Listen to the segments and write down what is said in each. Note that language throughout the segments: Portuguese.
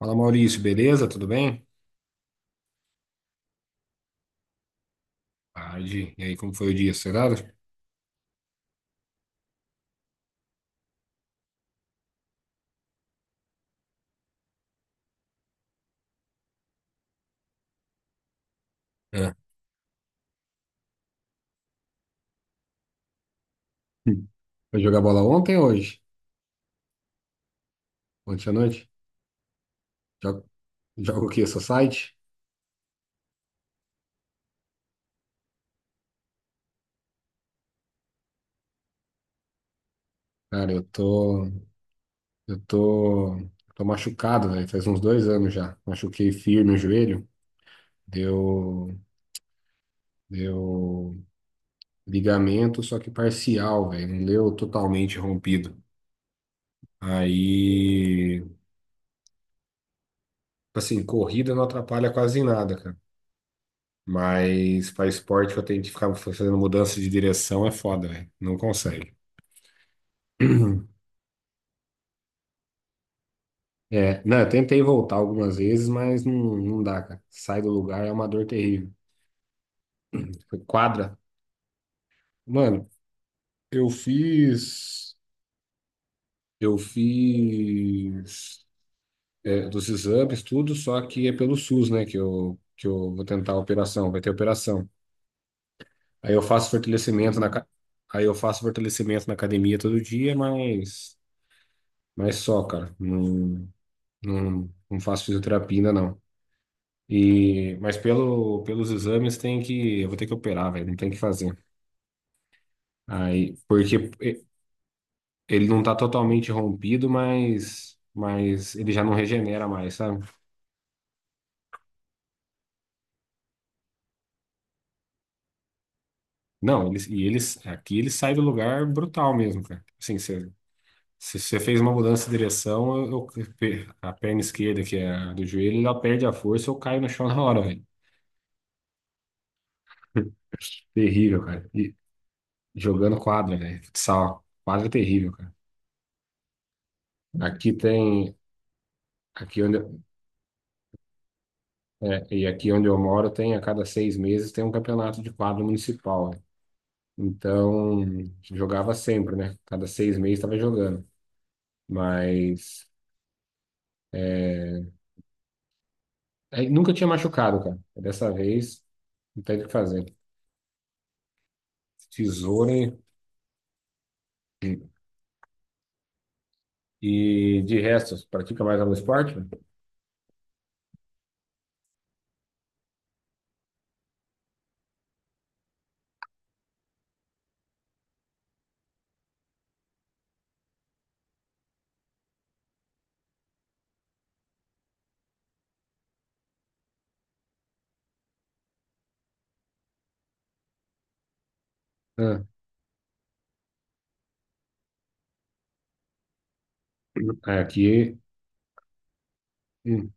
Fala, Maurício, beleza? Tudo bem? Tarde. E aí, como foi o dia? Acelerado? É. Hum. Foi jogar bola ontem ou hoje? Ontem à noite? Jogo, jogo o quê? Society? Cara, eu tô. Eu tô. Tô machucado, velho. Faz uns dois anos já. Machuquei firme o joelho. Deu. Deu ligamento, só que parcial, velho. Não deu totalmente rompido. Aí. Assim, corrida não atrapalha quase em nada, cara. Mas para esporte que eu tenho que ficar fazendo mudança de direção é foda, velho. Não consegue. Não, eu tentei voltar algumas vezes, mas não dá, cara. Sai do lugar é uma dor terrível. Foi quadra. Mano, eu fiz. Eu fiz. Dos exames, tudo, só que é pelo SUS, né? Que eu vou tentar a operação, vai ter operação. Aí eu faço fortalecimento na. Aí eu faço fortalecimento na academia todo dia, mas. Mas só, cara. Não. Não, não faço fisioterapia ainda, não. E, mas pelos exames tem que. Eu vou ter que operar, velho. Não tem que fazer. Aí, ele não tá totalmente rompido, mas ele já não regenera mais, sabe? Não, eles, aqui ele sai do lugar brutal mesmo, cara. Assim, você, se você fez uma mudança de direção, a perna esquerda, que é a do joelho, ela perde a força, eu caio no chão na hora, velho. Terrível, cara. E jogando quadra, velho. Futsal. Quadra é terrível, cara. Aqui tem, aqui onde, é, e aqui onde eu moro tem a cada seis meses tem um campeonato de quadro municipal. Então jogava sempre, né? Cada seis meses estava jogando, mas é, aí nunca tinha machucado, cara. Dessa vez não tem o que fazer. Tesoura e, e de resto, pratica mais algum esporte? Ah, aqui. Hum,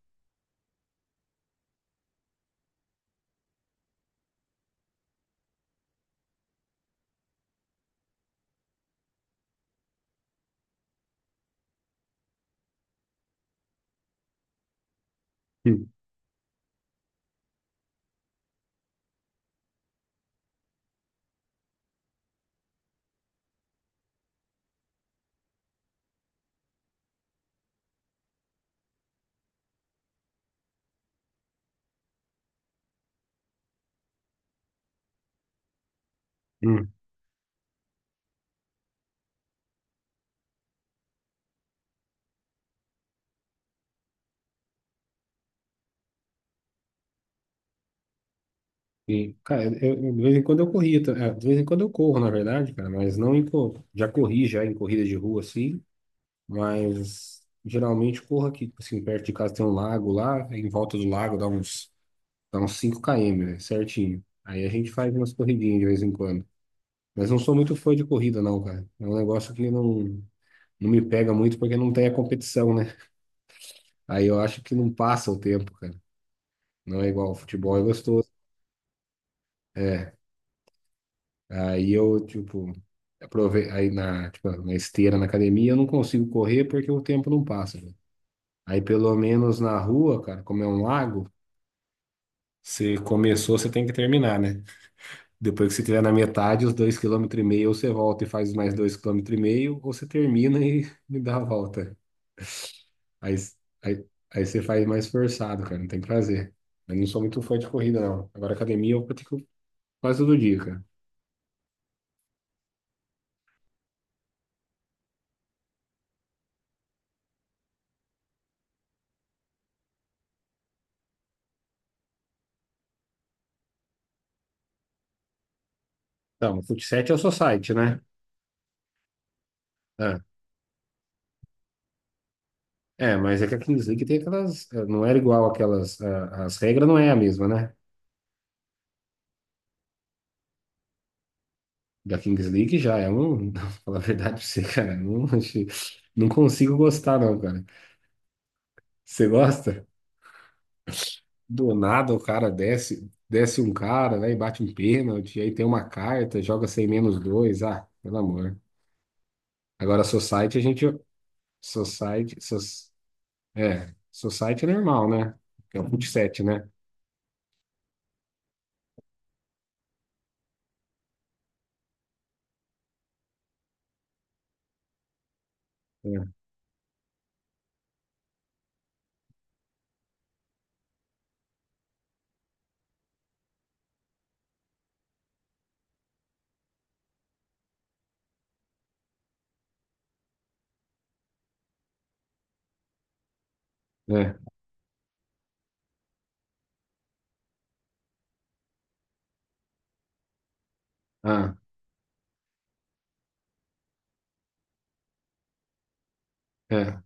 hum, hum. E, cara, de vez em quando eu corria, tá? É, de vez em quando eu corro, na verdade, cara, mas não em, cor- já corri já em corrida de rua, assim, mas geralmente corro aqui, tipo assim, perto de casa tem um lago lá, em volta do lago dá uns 5 km, né, certinho. Aí a gente faz umas corridinhas de vez em quando. Mas não sou muito fã de corrida, não, cara. É um negócio que não me pega muito porque não tem a competição, né? Aí eu acho que não passa o tempo, cara. Não é igual ao futebol, é gostoso. É, aí eu, tipo, aí na, tipo, na esteira, na academia, eu não consigo correr porque o tempo não passa, né? Aí pelo menos na rua, cara, como é um lago, você começou, você tem que terminar, né? Depois que você estiver na metade, os dois quilômetros e meio, ou você volta e faz mais dois quilômetros e meio, ou você termina e, e dá a volta. Aí, aí, aí você faz mais forçado, cara, não tem o que fazer. Eu não sou muito fã de corrida, não. Agora academia eu pratico quase todo dia, cara. Então, fut 7 é o society, né? Ah. É, mas é que a Kings League tem aquelas. Não era igual aquelas. As regras não é a mesma, né? Da Kings League já é um. Não, falar a verdade pra você, cara. Não, não consigo gostar, não, cara. Você gosta? Do nada o cara desce, desce um cara, né? E bate um pênalti, aí tem uma carta, joga sem menos dois. Ah, pelo amor. Agora, Society, a gente. Society. Society é normal, né? É o fut 7, né? É, é. Ah, é.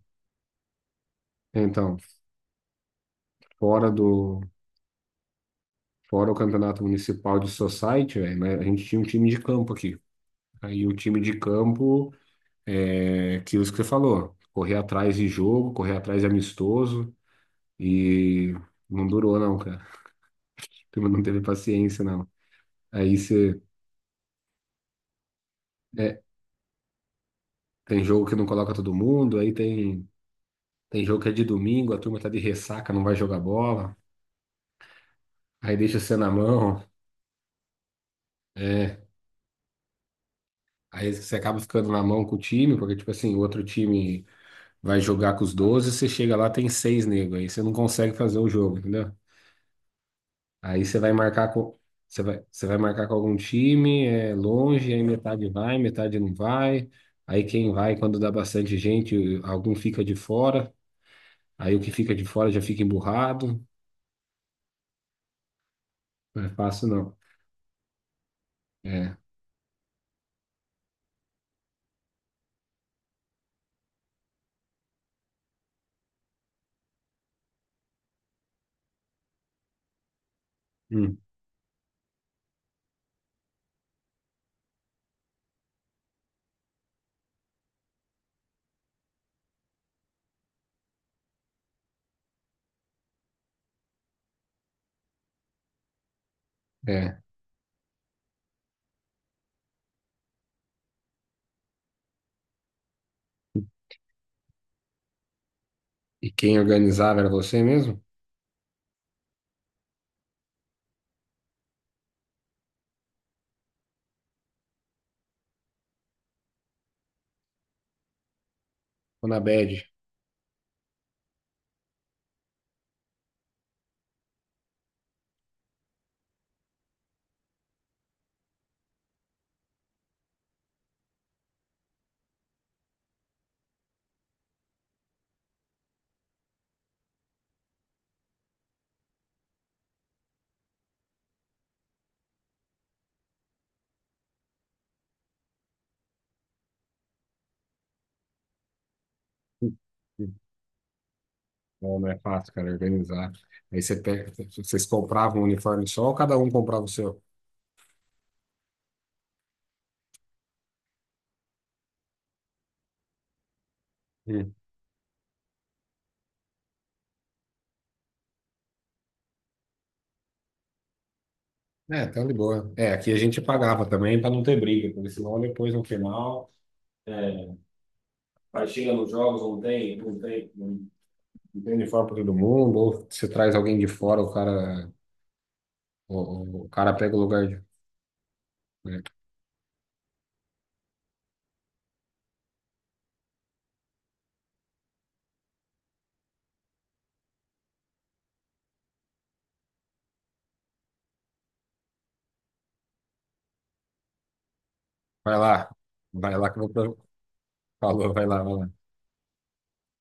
Então, fora do. Fora o campeonato municipal de society, velho, né, a gente tinha um time de campo aqui. Aí o time de campo é aquilo que você falou, correr atrás de jogo, correr atrás de amistoso e não durou não, cara. A turma não teve paciência não. Aí você é, tem jogo que não coloca todo mundo, aí tem jogo que é de domingo, a turma tá de ressaca, não vai jogar bola, aí deixa você na mão, é, aí você acaba ficando na mão com o time, porque tipo assim, o outro time vai jogar com os doze, você chega lá, tem seis negros. Aí você não consegue fazer o jogo, entendeu? Aí você vai marcar com. Você vai marcar com algum time, é longe, aí metade vai, metade não vai. Aí quem vai, quando dá bastante gente, algum fica de fora. Aí o que fica de fora já fica emburrado. Não é fácil, não. É. Hum, é. E quem organizava era você mesmo? Ou na bad? Hum, hum. Não, não é fácil, cara, organizar. Aí você pega, vocês compravam um uniforme só ou cada um comprava o seu? É, tá de boa. É, aqui a gente pagava também para não ter briga, porque senão depois no final. É, aí chega nos jogos, não tem, não tem uniforme para todo mundo, ou você traz alguém de fora, o cara, o, o cara pega o lugar de. Né? Vai lá, vai lá que eu vou. Pra- falou, vai lá, vai lá.